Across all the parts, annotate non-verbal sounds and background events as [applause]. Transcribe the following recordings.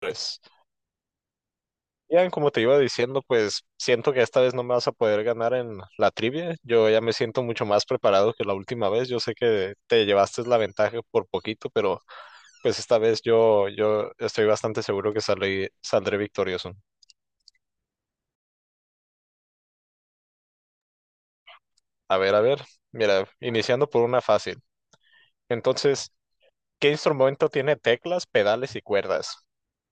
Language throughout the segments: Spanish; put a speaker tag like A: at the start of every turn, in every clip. A: Pues, Ian, como te iba diciendo, pues siento que esta vez no me vas a poder ganar en la trivia. Yo ya me siento mucho más preparado que la última vez. Yo sé que te llevaste la ventaja por poquito, pero pues esta vez yo estoy bastante seguro que saldré victorioso. A ver, mira, iniciando por una fácil. Entonces, ¿qué instrumento tiene teclas, pedales y cuerdas?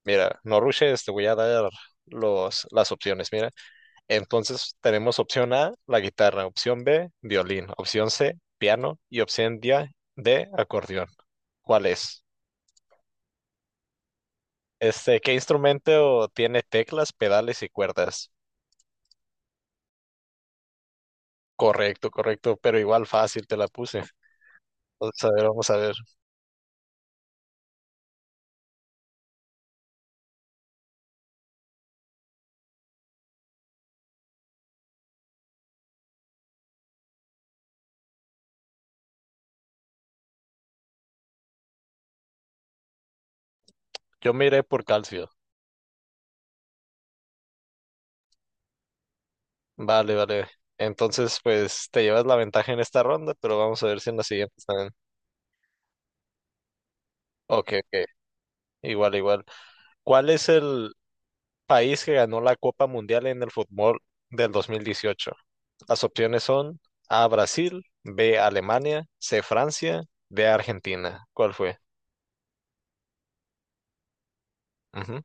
A: Mira, no rushes, te voy a dar las opciones. Mira, entonces tenemos opción A, la guitarra, opción B, violín, opción C, piano y opción D, acordeón. ¿Cuál es? ¿Qué instrumento tiene teclas, pedales y cuerdas? Correcto, correcto, pero igual fácil te la puse. Entonces, a ver, vamos a ver. Yo me iré por calcio. Vale, vale. Entonces, pues te llevas la ventaja en esta ronda, pero vamos a ver si en la siguiente también. Ok, ok. Igual, igual. ¿Cuál es el país que ganó la Copa Mundial en el fútbol del 2018? Las opciones son A, Brasil, B, Alemania, C, Francia, D, Argentina. ¿Cuál fue? Ujú.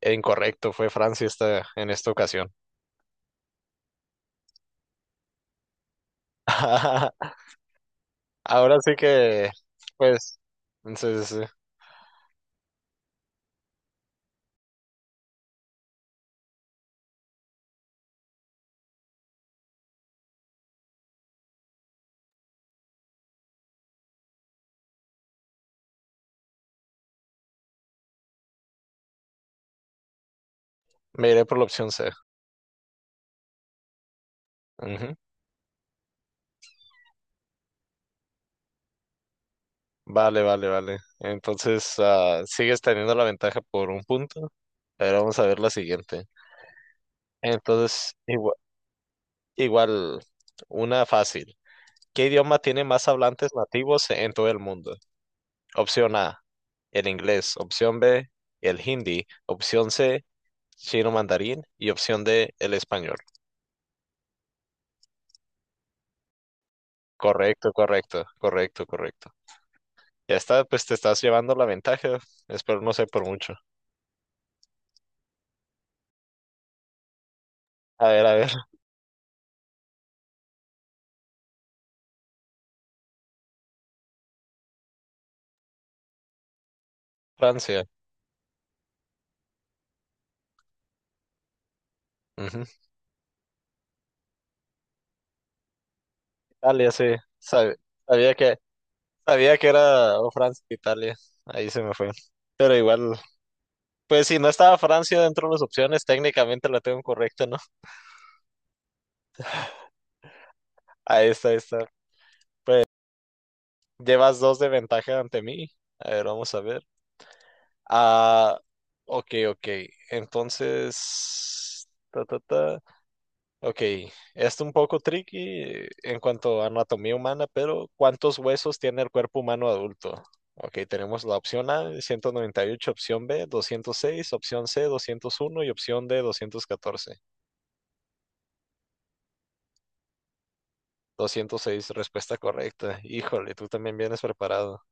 A: E incorrecto, fue Francia esta, en esta ocasión. [laughs] Ahora sí que, pues, entonces sí, sí, sí. Me iré por la opción C. Ujú. Vale, vale, vale. Entonces, ah, sigues teniendo la ventaja por un punto. Pero vamos a ver la siguiente. Entonces, igual, una fácil. ¿Qué idioma tiene más hablantes nativos en todo el mundo? Opción A, el inglés, opción B, el hindi, opción C, chino mandarín y opción D, el español. Correcto, correcto, correcto, correcto. Ya está, pues te estás llevando la ventaja. Espero no sé por mucho. A ver, [laughs] Francia. Ujú. Italia, sí. Sab- sabía que, sabía que era o Francia, o Italia. Ahí se me fue. Pero igual, pues si no estaba Francia dentro de las opciones, técnicamente la tengo correcta, ¿no? [laughs] Ahí está, ahí está. Llevas dos de ventaja ante mí. A ver, vamos a ver. Ah, ok, ok. Entonces, ta, ta, ta. Ok, esto un poco tricky en cuanto a anatomía humana, pero ¿cuántos huesos tiene el cuerpo humano adulto? Ok, tenemos la opción A, 198, opción B, 206, opción C, 201 y opción D, 214. Doscientos seis, respuesta correcta. Híjole, tú también vienes preparado.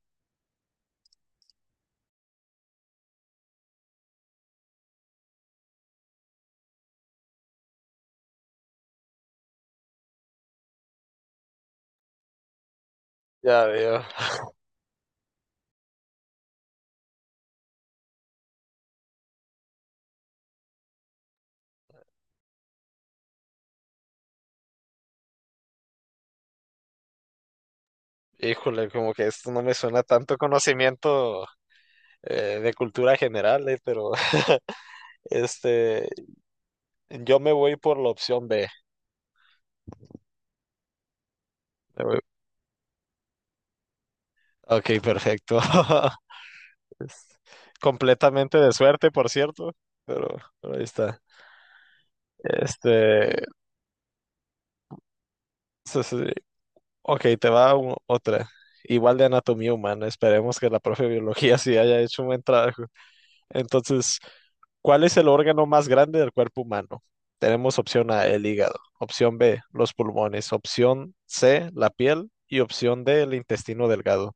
A: Ya veo. [laughs] Híjole, como que esto no me suena tanto conocimiento de cultura general, pero [laughs] Este, yo me voy por la opción B. Me voy- Ok, perfecto. [laughs] Es completamente de suerte, por cierto, pero, pero ahí está. Este, sí, sí, sí. Ok, te va otra. Igual de anatomía humana. Esperemos que la profe de biología [laughs] sí haya hecho un buen trabajo. Entonces, ¿cuál es el órgano más grande del cuerpo humano? Tenemos opción A, el hígado, opción B, los pulmones, opción C, la piel y opción D, el intestino delgado.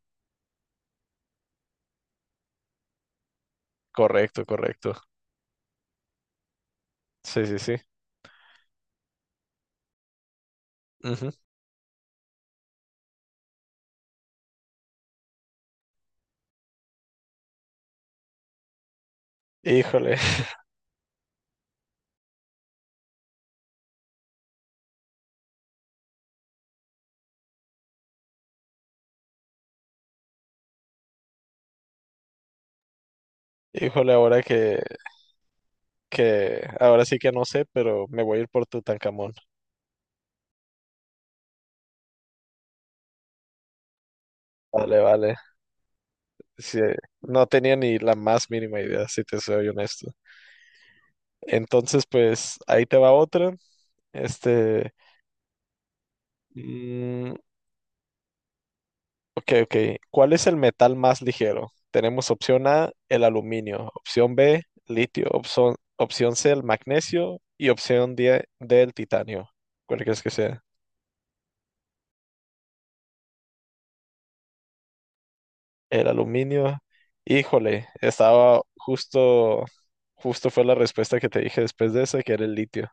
A: Correcto, correcto. Sí, sí, sí. Ujú. Híjole, [laughs] híjole, ahora que, ahora sí que no sé, pero me voy a ir por Tutankamón. Vale, vale. Sí, no tenía ni la más mínima idea, si te soy honesto. Entonces, pues, ahí te va otra. Este, mm, ok, ok. ¿Cuál es el metal más ligero? Tenemos opción A, el aluminio, opción B, litio, opción C, el magnesio y opción D, el titanio. ¿Cuál crees que sea? El aluminio, híjole, estaba justo, justo fue la respuesta que te dije después de esa, que era el litio.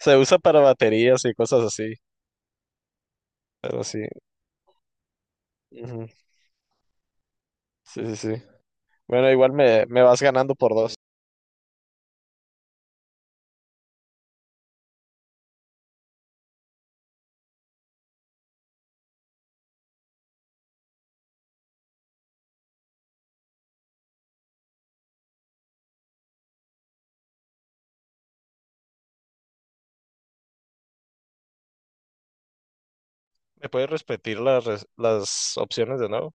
A: Se usa para baterías y cosas así, pero sí. Ujú, sí, sí, sí. Bueno, igual me vas ganando por dos. ¿Me puedes repetir las, las opciones de nuevo?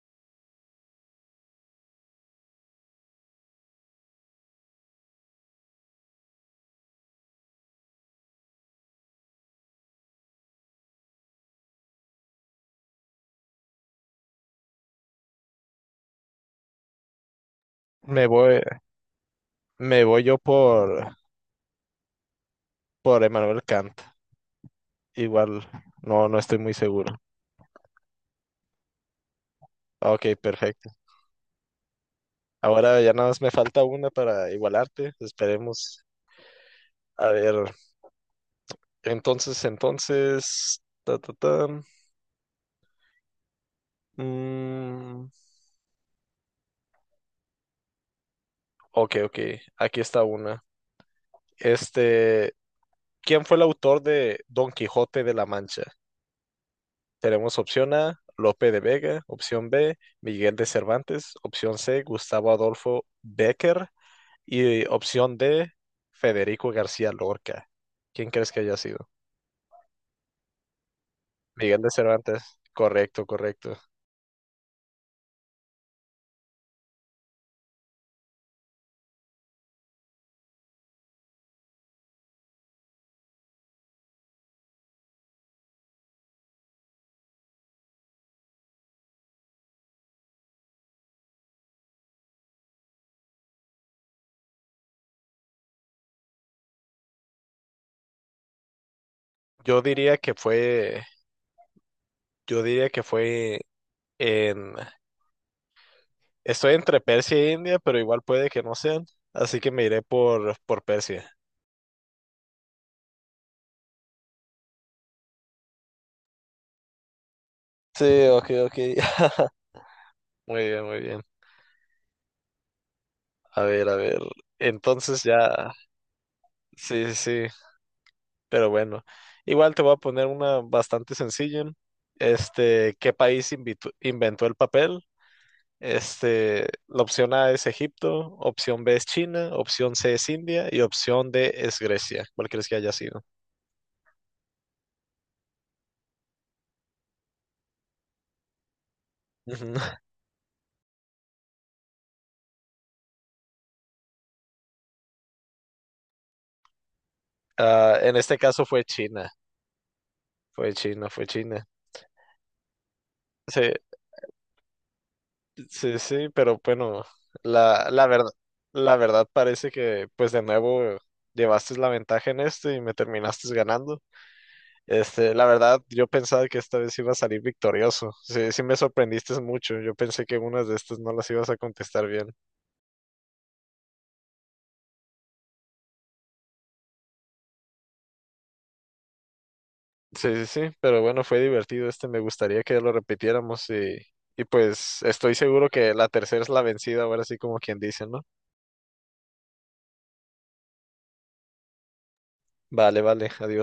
A: Me voy, me voy yo por Emmanuel Kant. Igual, no, no estoy muy seguro. Ok, perfecto. Ahora ya nada más me falta una para igualarte. Esperemos. A ver. Entonces, entonces, ta, ta, ta. Mm, ok, ok, aquí está una. Este, ¿quién fue el autor de Don Quijote de la Mancha? Tenemos opción A, Lope de Vega, opción B, Miguel de Cervantes, opción C, Gustavo Adolfo Bécquer y opción D, Federico García Lorca. ¿Quién crees que haya sido? Miguel de Cervantes. Correcto, correcto. Yo diría que fue, yo diría que fue en... Estoy entre Persia e India, pero igual puede que no sean, así que me iré por Persia. Sí, ok, ok. [laughs] Muy bien, muy bien. A ver, a ver. Entonces ya, sí, sí, sí, pero bueno. Igual te voy a poner una bastante sencilla. Este, ¿qué país inventó el papel? Este, la opción A es Egipto, opción B es China, opción C es India y opción D es Grecia. ¿Cuál crees que haya sido? Ujú. [laughs] Ah, en este caso fue China, fue China, fue China. Sí, sí, sí, pero bueno, la, la verdad, la verdad parece que pues de nuevo llevaste la ventaja en esto y me terminaste ganando. Este, la verdad, yo pensaba que esta vez iba a salir victorioso. Sí, sí me sorprendiste mucho. Yo pensé que unas de estas no las ibas a contestar bien. Sí, sí, sí, pero bueno, fue divertido este. Me gustaría que lo repitiéramos y pues estoy seguro que la tercera es la vencida, ahora sí como quien dice, ¿no? Vale, vale, adiós.